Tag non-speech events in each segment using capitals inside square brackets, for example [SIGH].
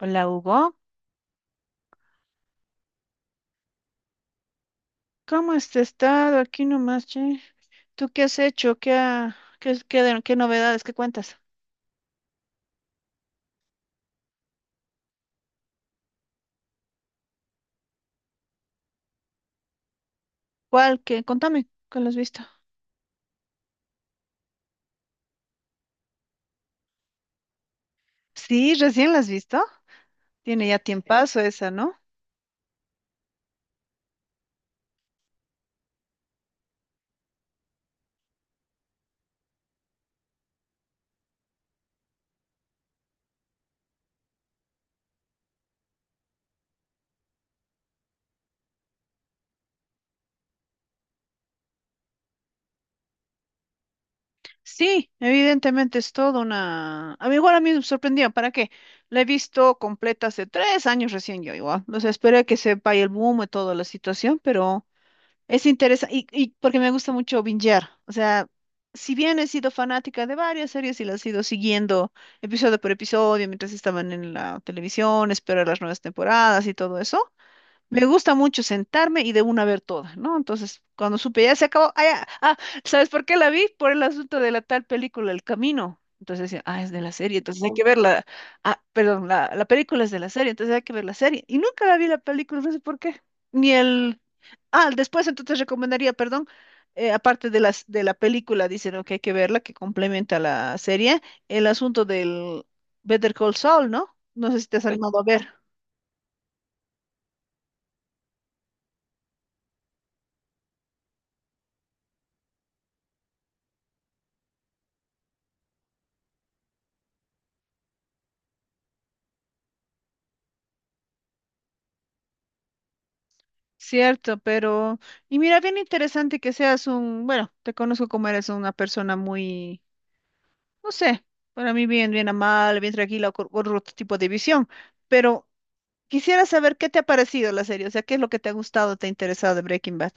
Hola Hugo, ¿cómo has estado? Aquí nomás, che. ¿Tú qué has hecho? ¿Qué novedades? ¿Qué cuentas? ¿Cuál? ¿Qué? Contame, ¿cuál has visto? Sí, recién la has visto. Tiene ya tiempazo esa, ¿no? Sí, evidentemente es toda una... A mí igual a mí me sorprendió, ¿para qué? La he visto completa hace tres años recién yo igual. O sea, esperé que se vaya el boom y toda la situación, pero... Es interesante, y porque me gusta mucho bingear. O sea, si bien he sido fanática de varias series y las he ido siguiendo episodio por episodio mientras estaban en la televisión, esperar las nuevas temporadas y todo eso, me gusta mucho sentarme y de una ver toda, ¿no? Entonces, cuando supe ya se acabó, ah, ya, ah, ¿sabes por qué la vi? Por el asunto de la tal película El Camino. Entonces decía, ah, es de la serie, entonces hay que verla. Ah, perdón, la película es de la serie, entonces hay que ver la serie. Y nunca la vi la película, no sé por qué. Ni el... Ah, después entonces recomendaría, perdón, aparte de las, de la película, dicen ¿no? que hay que verla, que complementa la serie, el asunto del Better Call Saul, ¿no? No sé si te has Sí. animado a ver. Cierto, pero, y mira, bien interesante que seas un, bueno, te conozco como eres una persona muy, no sé, para mí bien, bien amable, bien tranquila, con otro tipo de visión, pero quisiera saber qué te ha parecido la serie, o sea, qué es lo que te ha gustado, te ha interesado de Breaking Bad.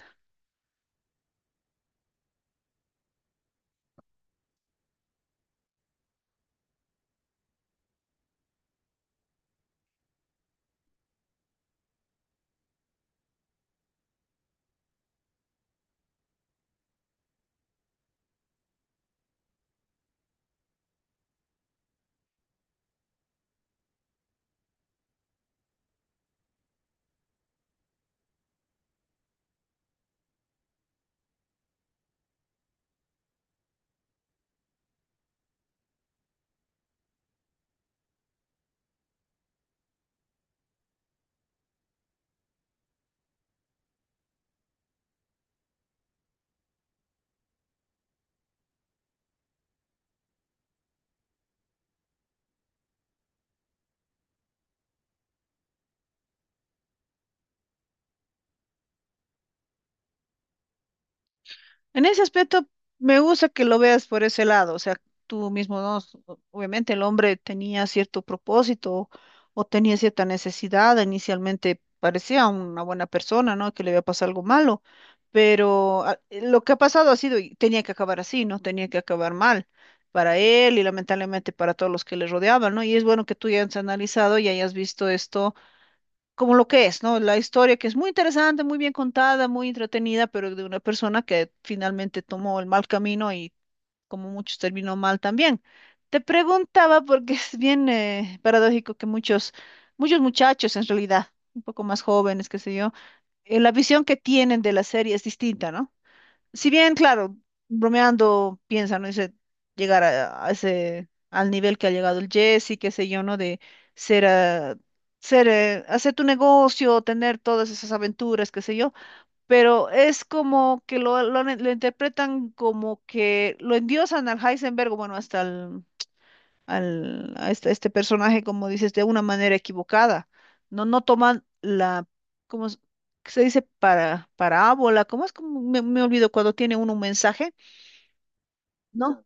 En ese aspecto, me gusta que lo veas por ese lado, o sea, tú mismo, ¿no? S- o- Obviamente el hombre tenía cierto propósito o tenía cierta necesidad, inicialmente parecía una buena persona, ¿no? Que le había pasado algo malo, pero ah, lo que ha pasado ha sido, y tenía que acabar así, ¿no? Tenía que acabar mal para él y lamentablemente para todos los que le rodeaban, ¿no? Y es bueno que tú ya hayas analizado y hayas visto esto como lo que es, ¿no? La historia que es muy interesante, muy bien contada, muy entretenida, pero de una persona que finalmente tomó el mal camino y como muchos terminó mal también. Te preguntaba porque [LAUGHS] es bien paradójico que muchos, muchos muchachos en realidad, un poco más jóvenes, qué sé yo, la visión que tienen de la serie es distinta, ¿no? Si bien, claro, bromeando, piensa, ¿no? Dice, llegar a ese, al nivel que ha llegado el Jesse, qué sé yo, ¿no? De ser, ah, ser, hacer tu negocio, tener todas esas aventuras, qué sé yo, pero es como que lo interpretan como que lo endiosan al Heisenberg, bueno, hasta el, al, a este, este personaje, como dices, de una manera equivocada. No, no toman la, ¿cómo es que se dice? Para, parábola, ¿cómo es? Como me olvido cuando tiene uno un mensaje, ¿no?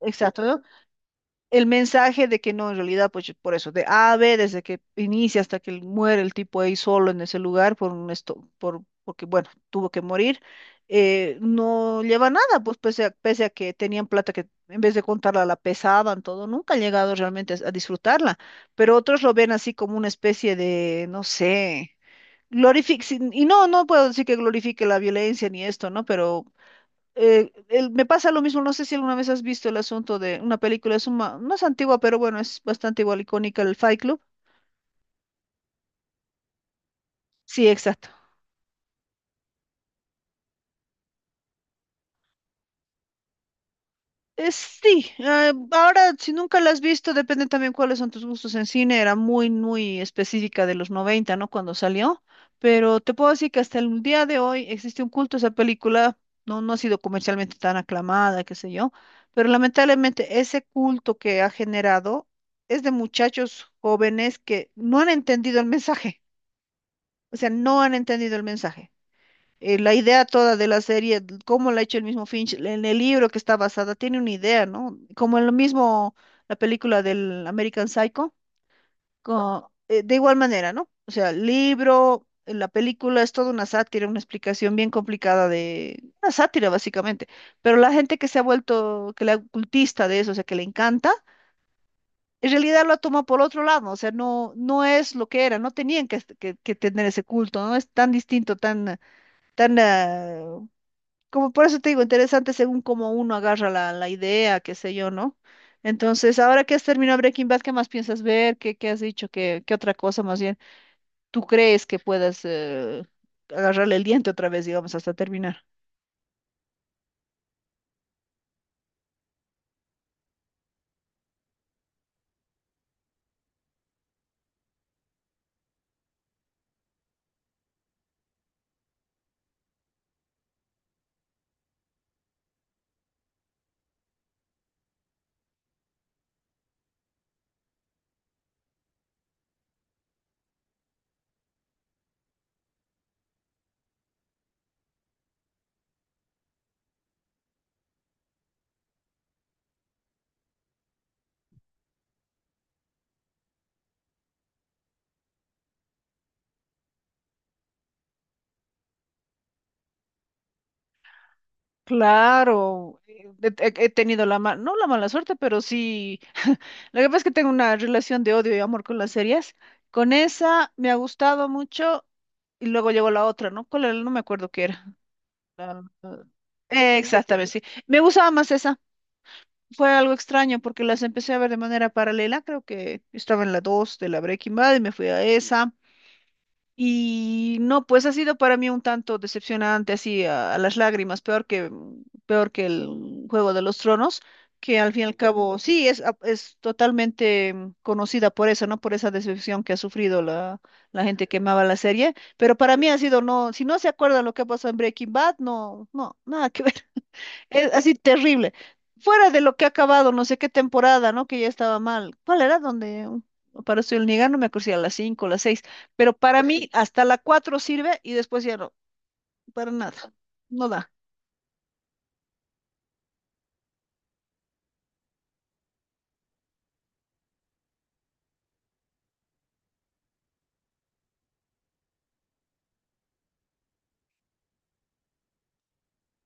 Exacto, ¿no? El mensaje de que no, en realidad, pues por eso, de A a B, desde que inicia hasta que muere el tipo ahí solo en ese lugar, por un esto, por, porque bueno, tuvo que morir, no lleva nada, pues pese a, pese a que tenían plata que en vez de contarla la pesaban, todo, nunca han llegado realmente a disfrutarla, pero otros lo ven así como una especie de, no sé. Glorific- sin- y no, no puedo decir que glorifique la violencia ni esto, ¿no? Pero el- me pasa lo mismo, no sé si alguna vez has visto el asunto de una película, es una, no es antigua, pero bueno, es bastante igual icónica, el Fight Club. Sí, exacto. Sí, ahora si nunca la has visto, depende también cuáles son tus gustos en cine, era muy, muy específica de los 90, ¿no? Cuando salió, pero te puedo decir que hasta el día de hoy existe un culto a esa película, no, no ha sido comercialmente tan aclamada, qué sé yo, pero lamentablemente ese culto que ha generado es de muchachos jóvenes que no han entendido el mensaje, o sea, no han entendido el mensaje la idea toda de la serie, d- cómo la ha hecho el mismo Finch, en el libro que está basada, tiene una idea, ¿no? Como en lo mismo la película del American Psycho, de igual manera, ¿no? O sea, el libro, la película es toda una sátira, una explicación bien complicada de una sátira básicamente, pero la gente que se ha vuelto, que la cultista de eso, o sea, que le encanta. En realidad lo toma por otro lado, o sea, no, no es lo que era, no tenían que tener ese culto, no es tan distinto, tan, tan ah, como por eso te digo, interesante según cómo uno agarra la, la idea, qué sé yo, ¿no? Entonces, ahora que has terminado Breaking Bad, ¿qué más piensas ver? ¿Qué, qué has dicho? ¿Qué, qué otra cosa más bien tú crees que puedas agarrarle el diente otra vez, digamos, hasta terminar? Claro, tenido la mala, no la mala suerte, pero sí, [LAUGHS] lo que pasa es que tengo una relación de odio y amor con las series. Con esa me ha gustado mucho y luego llegó la otra, ¿no? ¿Cuál era? No me acuerdo qué era. Ah, exactamente, sí. Me gustaba más esa. Fue algo extraño porque las empecé a ver de manera paralela. Creo que estaba en la 2 de la Breaking Bad y me fui a esa. Y no, pues ha sido para mí un tanto decepcionante, así a las lágrimas, peor que el Juego de los Tronos, que al fin y al cabo, sí, es, a- es totalmente mm, conocida por eso, ¿no? Por esa decepción que ha sufrido la gente que amaba la serie. Pero para mí ha sido, no, si no se acuerdan lo que ha pasado en Breaking Bad, no, no, nada que ver. Es así terrible. Fuera de lo que ha acabado, no sé qué temporada, ¿no? Que ya estaba mal. ¿Cuál era? Donde apareció el Niga, no me acuerdo si a las 5 las seis. Pero para mí, hasta la 4 sirve y después ya no, para nada. No da.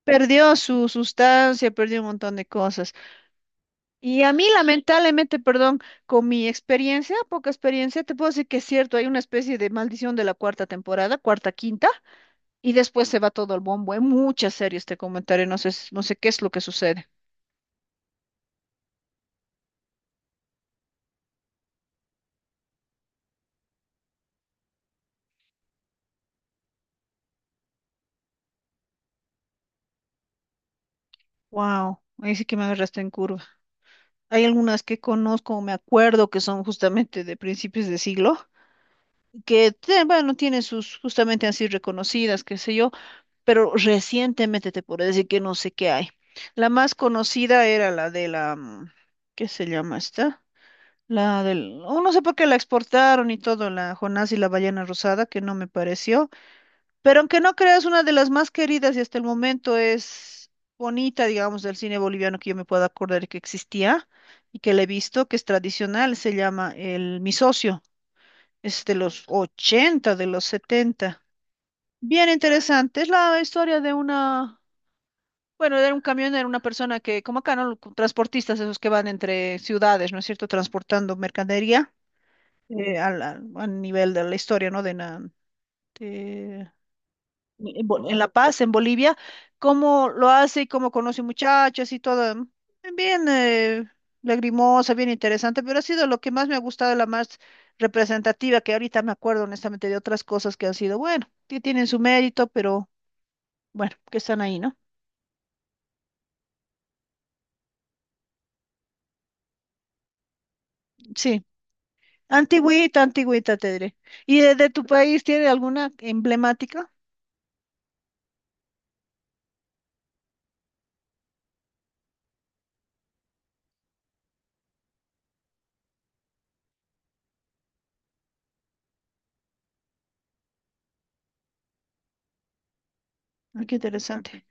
Perdió su sustancia, perdió un montón de cosas. Y a mí, lamentablemente, perdón, con mi experiencia, poca experiencia, te puedo decir que es cierto, hay una especie de maldición de la cuarta temporada, cuarta, quinta, y después se va todo al bombo. Hay muchas series te comentaré, no sé, no sé qué es lo que sucede. Wow, ahí sí que me agarraste en curva. Hay algunas que conozco, me acuerdo que son justamente de principios de siglo, que te- bueno, tienen sus, justamente así reconocidas, qué sé yo, pero recientemente te puedo decir que no sé qué hay. La más conocida era la de la, mm, ¿qué se llama esta? La del, oh, no sé por qué la exportaron y todo, la Jonás y la ballena rosada, que no me pareció. Pero aunque no creas, una de las más queridas y hasta el momento es bonita, digamos, del cine boliviano que yo me puedo acordar que existía y que la he visto, que es tradicional, se llama El Mi Socio, es de los 80, de los 70. Bien interesante, es la historia de una, bueno, era un camionero, una persona que, como acá, ¿no? Transportistas, esos que van entre ciudades, ¿no es cierto?, transportando mercadería a nivel de la historia, ¿no? De, na- de en Bo- en La Paz, en Bolivia, cómo lo hace y cómo conoce muchachas y todo. Mm, bien lagrimosa, bien interesante, pero ha sido lo que más me ha gustado, la más representativa, que ahorita me acuerdo honestamente de otras cosas que han sido, bueno, que tienen su mérito, pero bueno, que están ahí, ¿no? Sí, antigüita, antigüita, te diré. ¿Y de tu país tiene alguna emblemática? Ah, qué interesante.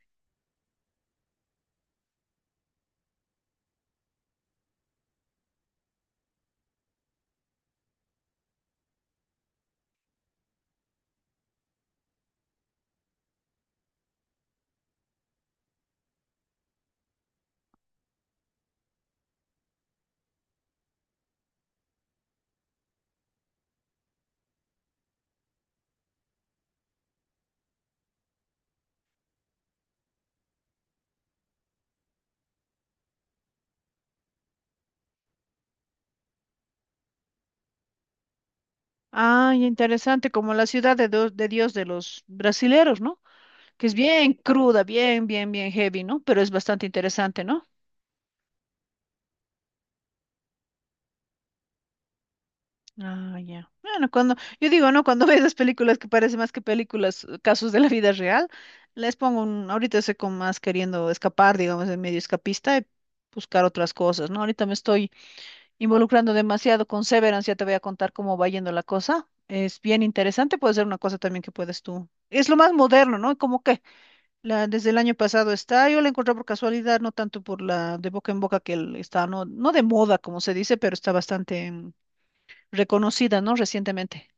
Ay, interesante, como la ciudad de, do- de Dios de los brasileros, ¿no? Que es bien cruda, bien, bien, bien heavy, ¿no? Pero es bastante interesante, ¿no? Ah, ya. Bueno, cuando, yo digo, ¿no? Cuando [LAUGHS] veo esas películas que parece más que películas, casos de la vida real, les pongo un, ahorita sé como más queriendo escapar, digamos, de medio escapista y buscar otras cosas, ¿no? Ahorita me estoy involucrando demasiado con Severance, ya te voy a contar cómo va yendo la cosa. Es bien interesante, puede ser una cosa también que puedes tú. Es lo más moderno, ¿no? Como que la, desde el año pasado está, yo la encontré por casualidad, no tanto por la de boca en boca que el- está, no, no de moda, como se dice, pero está bastante mm, reconocida, ¿no? Recientemente.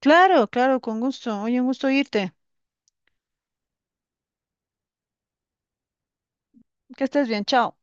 Claro, claro, con gusto. Oye, un gusto irte. Que estés bien, chao.